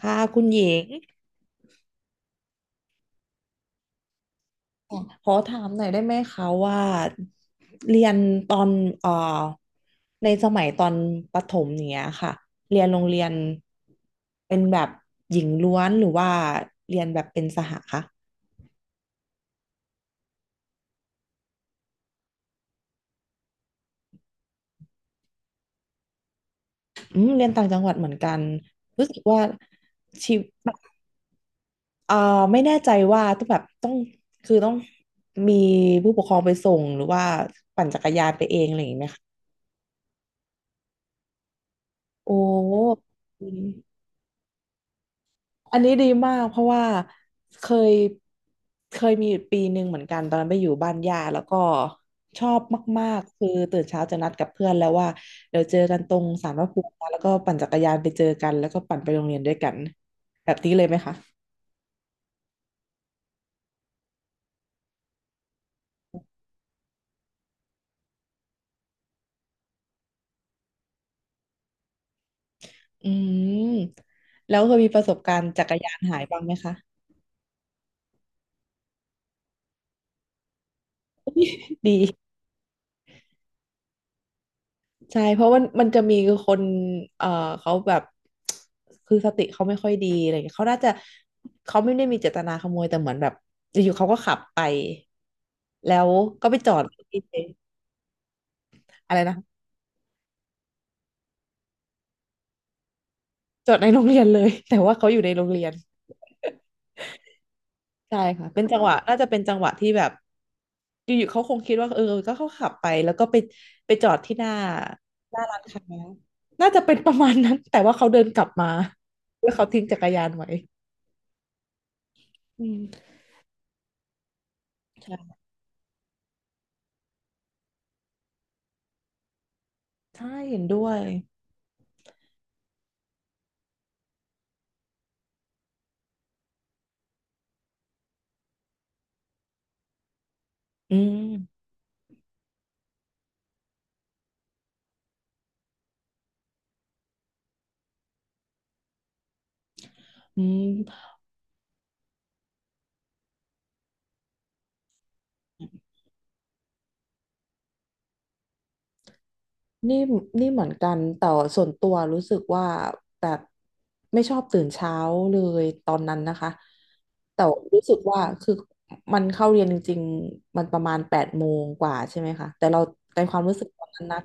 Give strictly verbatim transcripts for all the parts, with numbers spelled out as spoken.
ค่ะคุณหญิงขอถามหน่อยได้ไหมคะว่าเรียนตอนเอ่อในสมัยตอนประถมเนี้ยค่ะเรียนโรงเรียนเป็นแบบหญิงล้วนหรือว่าเรียนแบบเป็นสหคะอืมเรียนต่างจังหวัดเหมือนกันรู้สึกว่าชีวิตเอ่อไม่แน่ใจว่าต้องแบบต้องคือต้องมีผู้ปกครองไปส่งหรือว่าปั่นจักรยานไปเองอะไรอย่างเงี้ยไหมคะโอ้ อันนี้ดีมากเพราะว่าเคยเคยมีอปีหนึ่งเหมือนกันตอนนั้นไปอยู่บ้านย่าแล้วก็ชอบมากๆคือตื่นเช้าจะนัดกับเพื่อนแล้วว่าเดี๋ยวเจอกันตรงศาลพระภูมินะแล้วก็ปั่นจักรยานไปเจอกันแล้วก็ปั่นไปโรงเรียนด้วยกันแบบนี้เลยไหมคะอืมแล้วเคยมีประสบการณ์จักรยานหายบ้างไหมคะดี ใช่เพราะมันมันจะมีคนเอ่อเขาแบบคือสติเขาไม่ค่อยดีอะไรเงี้ยเขาน่าจะเขาไม่ได้มีเจตนาขโมยแต่เหมือนแบบอยู่ๆเขาก็ขับไปแล้วก็ไปจอดที่อะไรนะจอดในโรงเรียนเลย แต่ว่าเขาอยู่ในโรงเรียนใช่ค่ะเป็นจังหวะน่าจะเป็นจังหวะที่แบบอยู่ๆเขาคงคิดว่าเออก็เขาขับไปแล้วก็ไปไปจอดที่หน้าหน้าร้านค้าน่าจะเป็นประมาณนั้นแต่ว่าเขาเดินกลับมาแล้วเขาทิ้งจักรยานไว้อืมใช่ ใช่เห็นด้วยอืมอืม นี่นี่เหมือนกันแต่ส่วนตัวรู้สึกว่าแบบไม่ชอบตื่นเช้าเลยตอนนั้นนะคะแต่รู้สึกว่าคือมันเข้าเรียนจริงๆมันประมาณแปดโมงกว่าใช่ไหมคะแต่เราในความรู้สึกตอนนั้นนะ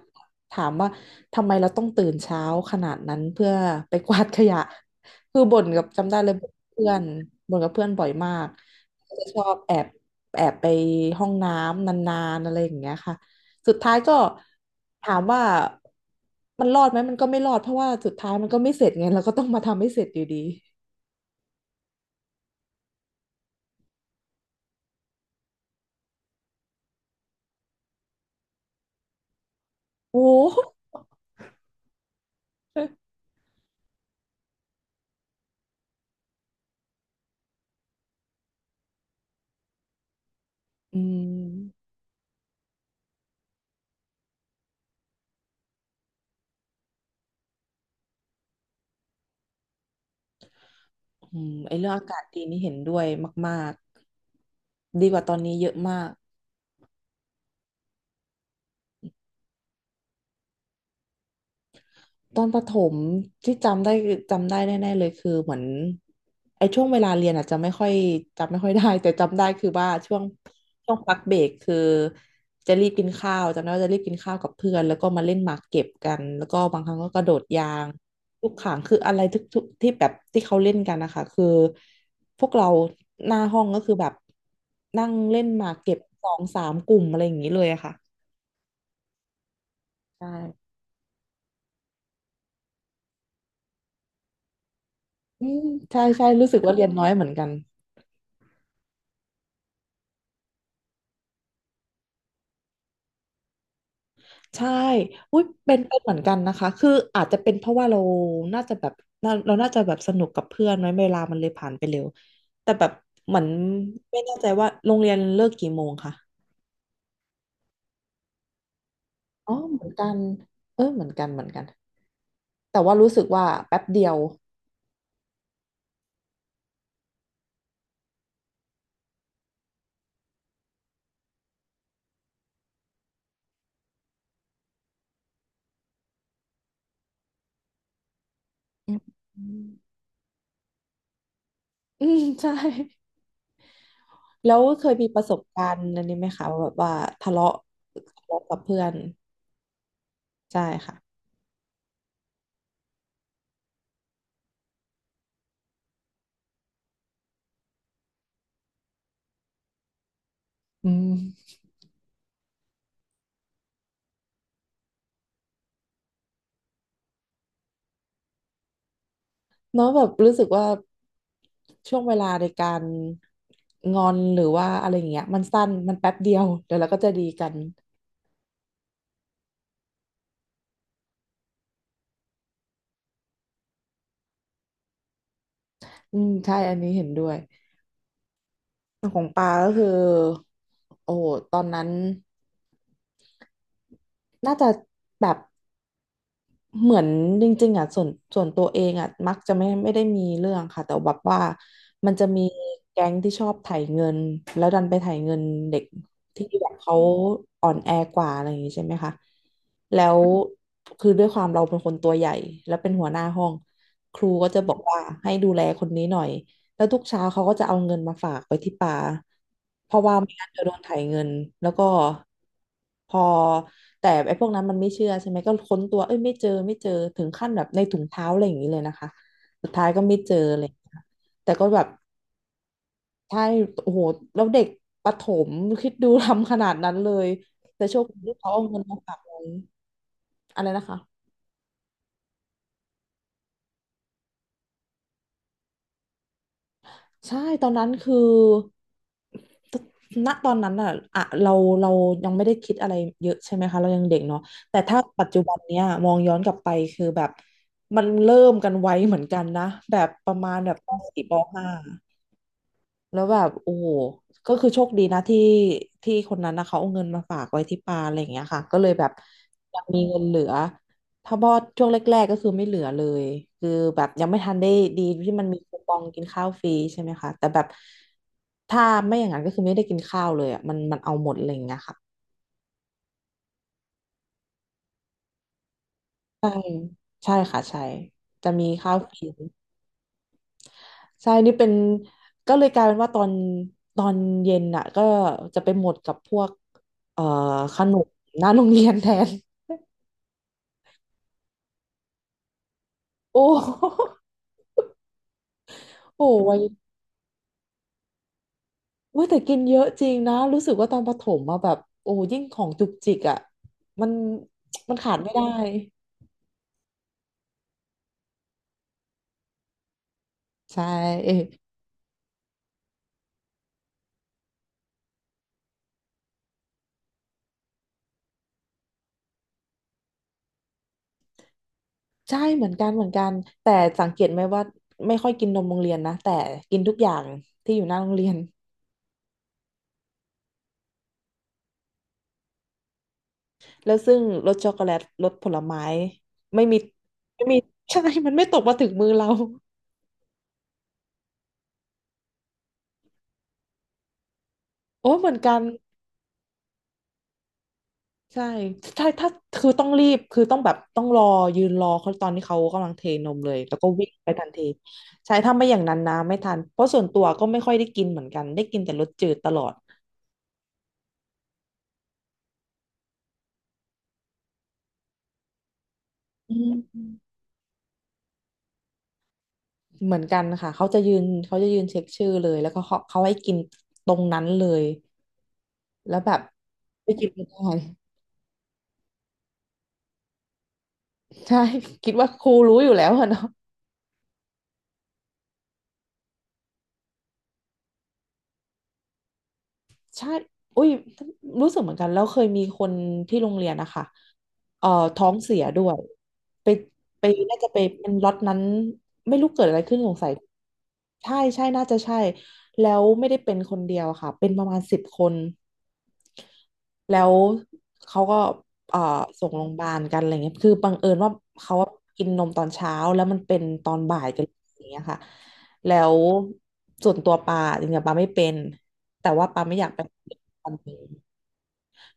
ถามว่าทำไมเราต้องตื่นเช้าขนาดนั้นเพื่อไปกวาดขยะ คือบ่นกับจำได้เลยบ่นกับเพื่อนบ่นกับเพื่อนบ่อยมากจะชอบแอบแอบไปห้องน้ำนานๆอะไรอย่างเงี้ยค่ะ สุดท้ายก็ถามว่ามันรอดไหมมันก็ไม่รอดเพราะว่าสุดท้ายมันก็ไม่เสร็จไงเราก็ต้องมาทำให้เสร็จอยู่ดีโอ้ โหอืมอืมไอเรื่องอากาศดีนี่เห็นด้วยมากๆดีกว่าตอนนี้เยอะมาก ตอนประถมที่จำได้จำได้แน่ๆเลยคือเหมือนไอ้ช่วงเวลาเรียนอาจจะไม่ค่อยจำไม่ค่อยได้ แต่จำได้คือว่าช่วงช่วงพักเบรกคือจะรีบกินข้าวจำได้ว่าจะรีบกินข้าวกับเพื่อนแล้วก็มาเล่นหมากเก็บกันแล้วก็บางครั้งก็กระโดดยางลูกข่างคืออะไรทุกทุกที่แบบที่เขาเล่นกันนะคะคือพวกเราหน้าห้องก็คือแบบนั่งเล่นหมากเก็บสองสามกลุ่มอะไรอย่างนี้เลยอะค่ะใช่อืมใช่ใช่รู้สึกว่าเรียนน้อยเหมือนกัน ใช่อุ้ยเป็นเป็นเหมือนกันนะคะ คืออาจจะเป็นเพราะว่าเราน่าจะแบบน่าเราน่าจะแบบสนุกกับเพื่อนไหมเวลามันเลยผ่านไปเร็ว แต่แบบเหมือนไม่แน่ใจว่าโรงเรียนเลิกกี่โมงค่ะอ๋อเหมือนกันเออเหมือนกันเหมือนกัน แต่ว่ารู้สึกว่าแป๊บเดียวอืมอืมใช่แล้วเคยมีประสบการณ์อันนี้ไหมคะว่าแบบว่าทะเลาะทะเลาะกับเพื่อน ใช่ค่ะอืม เนาะแบบรู้สึกว่าช่วงเวลาในการงอนหรือว่าอะไรอย่างเงี้ยมันสั้นมันแป๊บเดียวเดี๋ยวเราก็จะดีกันอืมใช่อันนี้เห็นด้วยของปาก็คือโอ้โหตอนนั้นน่าจะแบบ เหมือนจริงๆอ่ะส่วนส่วนตัวเองอ่ะมักจะไม่ไม่ได้มีเรื่องค่ะแต่แบบว่ามันจะมีแก๊งที่ชอบไถเงินแล้วดันไปไถเงินเด็กที่แบบเขาอ่อนแอกว่าอะไรอย่างงี้ใช่ไหมคะแล้วคือด้วยความเราเป็นคนตัวใหญ่แล้วเป็นหัวหน้าห้องครูก็จะบอกว่าให้ดูแลคนนี้หน่อย แล้วทุกเช้าเขาก็จะเอาเงินมาฝากไว้ที่ปาเพราะว่าไม่งั้นเดี๋ยวโดนไถเงินแล้วก็พอแต่ไอ้พวกนั้นมันไม่เชื่อใช่ไหมก็ค้นตัวเอ้ยไม่เจอไม่เจอถึงขั้นแบบในถุงเท้าอะไรอย่างนี้เลยนะคะสุดท้ายก็ไม่เจออะไรอย่างเลยค่ะแต่ก็แบบใช่โอ้โหแล้วเด็กประถมคิดดู ทำขนาดนั้นเลยแต่โชคดีที่เขาเอาเงินมาฝากไว้อะไรนะคะ ใช่ตอนนั้นคือณตอนนั้นอ่ะอะเราเรายังไม่ได้คิดอะไรเยอะใช่ไหมคะเรายังเด็กเนาะแต่ถ้าปัจจุบันเนี้ยมองย้อนกลับไปคือแบบมันเริ่มกันไวเหมือนกันนะแบบประมาณแบบปสี่ปห้า แล้วแบบโอ้โหก็คือโชคดีนะที่ที่คนนั้นนะเขาเอาเงินมาฝากไว้ที่ปาอะไรอย่างเงี้ยค่ะก็เลยแบบยังมีเงินเหลือถ้าบอดช่วงแรกๆก็คือไม่เหลือเลยคือแบบยังไม่ทันได้ดีที่มันมีคูปองกินข้าวฟรีใช่ไหมคะแต่แบบถ้าไม่อย่างนั้นก็คือไม่ได้กินข้าวเลยอ่ะมันมันเอาหมดอะไรอย่างเงี้ยค่ะใช่ค่ะใช่จะมีข้าวฟรี ใช่นี่เป็นก็เลยกลายเป็นว่าตอนตอนเย็นน่ะก็จะไปหมดกับพวกเอ่อขนมหน้าโรงเรียนแทน โอ้ โหไว้ยเว้ยแต่กินเยอะจริงนะรู้สึกว่าตอนประถมมาแบบโอ้ยิ่งของจุกจิกอ่ะมันมันขาดไม่ได้ใช่ใช่เหมือนกันเหมือนกันแต่สังเกตไหมว่าไม่ค่อยกินนมโรงเรียนนะแต่กินทุกอย่างที่อยู่หน้าโรงเรียน แล้วซึ่งรสช็อกโกแลตรสผลไม้ไม่มีไม่มีใช่มันไม่ตกมาถึงมือเราโอ้เหมือนกันใช่ใช่ถ้าคือต้องรีบคือต้องแบบต้องรอยืนรอเขาตอนที่เขากำลังเทนมเลยแล้วก็วิ่งไปทันทีใช่ถ้าไม่อย่างนั้นนะไม่ทันเพราะส่วนตัวก็ไม่ค่อยได้กินเหมือนกันได้กินแต่รสจืดตลอดอืมเหมือนกันค่ะเขาจะยืนเขาจะยืนเช็คชื่อเลยแล้วก็เขาเขาให้กินตรงนั้นเลยแล้วแบบไม่กินไม่ได้ใช่ คิดว่าครูรู้อยู่แล้วอะเนาะ ใช่อุ้ยรู้สึกเหมือนกัน แล้วเคยมีคนที่โรงเรียนนะคะ เอ่อท้องเสียด้วยไปไปน่าจะไปเป็นล็อตนั้นไม่รู้เกิดอะไรขึ้นสงสัยใช่ใช่น่าจะใช่ แล้วไม่ได้เป็นคนเดียวอะค่ะ เป็นประมาณสิบคนแล้วเขาก็เอ่อส่งโรงพยาบาลกันอะไรเงี้ยคือบังเอิญว่าเขากินนมตอนเช้าแล้วมันเป็นตอนบ่ายกันอย่างเงี้ยค่ะ แล้วส่วนตัวปาจริงๆปาไม่เป็น แต่ว่าปาไม่อยากไปทำเอง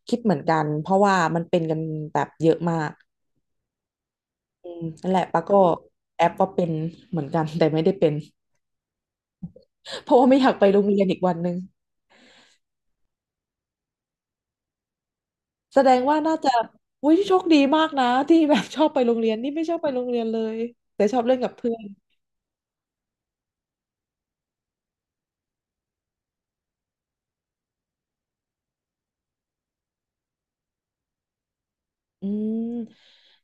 คิดเหมือนกันเพราะว่ามันเป็นกันแบบเยอะมากอืมนั่นแหละปาก็แอปว่าเป็นเหมือนกันแต่ไม่ได้เป็นเพราะว่าไม่อยากไปโรงเรียนอีกวันหนึ่งแสดงว่าน่าจะอุ้ยโชคดีมากนะที่แบบชอบไปโรงเรียนนี่ไม่ชอบไปโรงเรียนเลยแต่ชอบเล่นกับเพื่อนอืม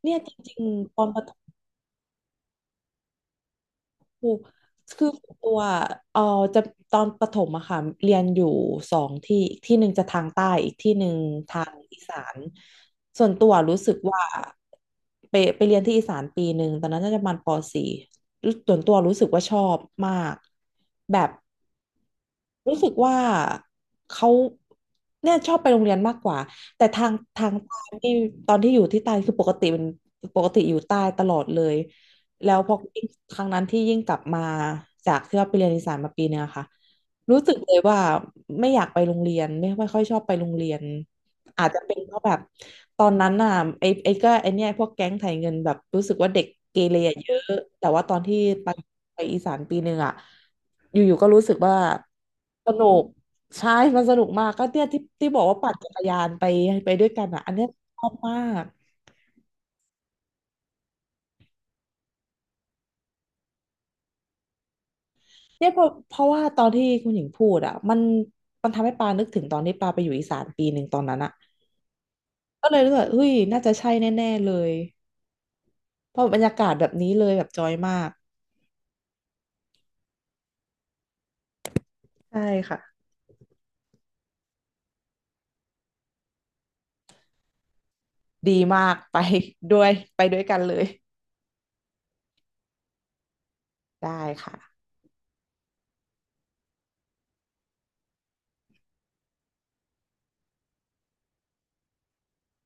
เนี่ยจริงๆตอนประถ ครูคือตัวเออจะตอนประถมอะค่ะเรียนอยู่สองที่อีกที่หนึ่งจะทางใต้อีกที่หนึ่งทางอีสานส่วนตัวรู้สึกว่าไปไปเรียนที่อีสานปีหนึ่งตอนนั้นน่าจะประมาณปสี่ส่วนตัวรู้สึกว่าชอบมากแบบ รู้สึกว่าเขาเนี่ยชอบไปโรงเรียนมากกว่าแต่ทางทางใต้นี่ตอนที่อยู่ที่ใต้คือปกติเป็นปกติอยู่ใต้ตลอดเลยแล้วพอครั้งนั้นที่ยิ่งกลับมาจากที่ว่าไปเรียนอีสานมาปีนึงอะค่ะ รู้สึกเลยว่าไม่อยากไปโรงเรียนไม่ไม่ค่อยชอบไปโรงเรียนอาจจะเป็นเพราะแบบตอนนั้นน่ะไอ้ไอ้ก็ไอ้เนี่ยพวกแก๊งไถเงินแบบรู้สึกว่าเด็กเกเรอะเยอะแต่ว่าตอนที่ไปไปอีสานปีหนึ่งอ่ะอยู่ๆก็รู้สึกว่าสนุกใช่มันสนุกมากก็เนี่ยที่ที่บอกว่าปั่นจักรยานไปไปด้วยกันอ่ะอันเนี้ยชอบมากเนี่ยเพราะเพราะว่าตอนที่คุณหญิงพูดอ่ะมันมันทำให้ปานึกถึงตอนที่ปาไปอยู่อีสานปีหนึ่งตอนนั้นอ่ะ ก็เลยรู้สึกว่าเฮ้ยน่าจะใช่แน่ๆเลยเพราะบรรยากาศแบบนี้เลยแบบจอยมากใช่ค่ะดีมาก ไปด้วยไปด้วยกันเลยได้ค่ะ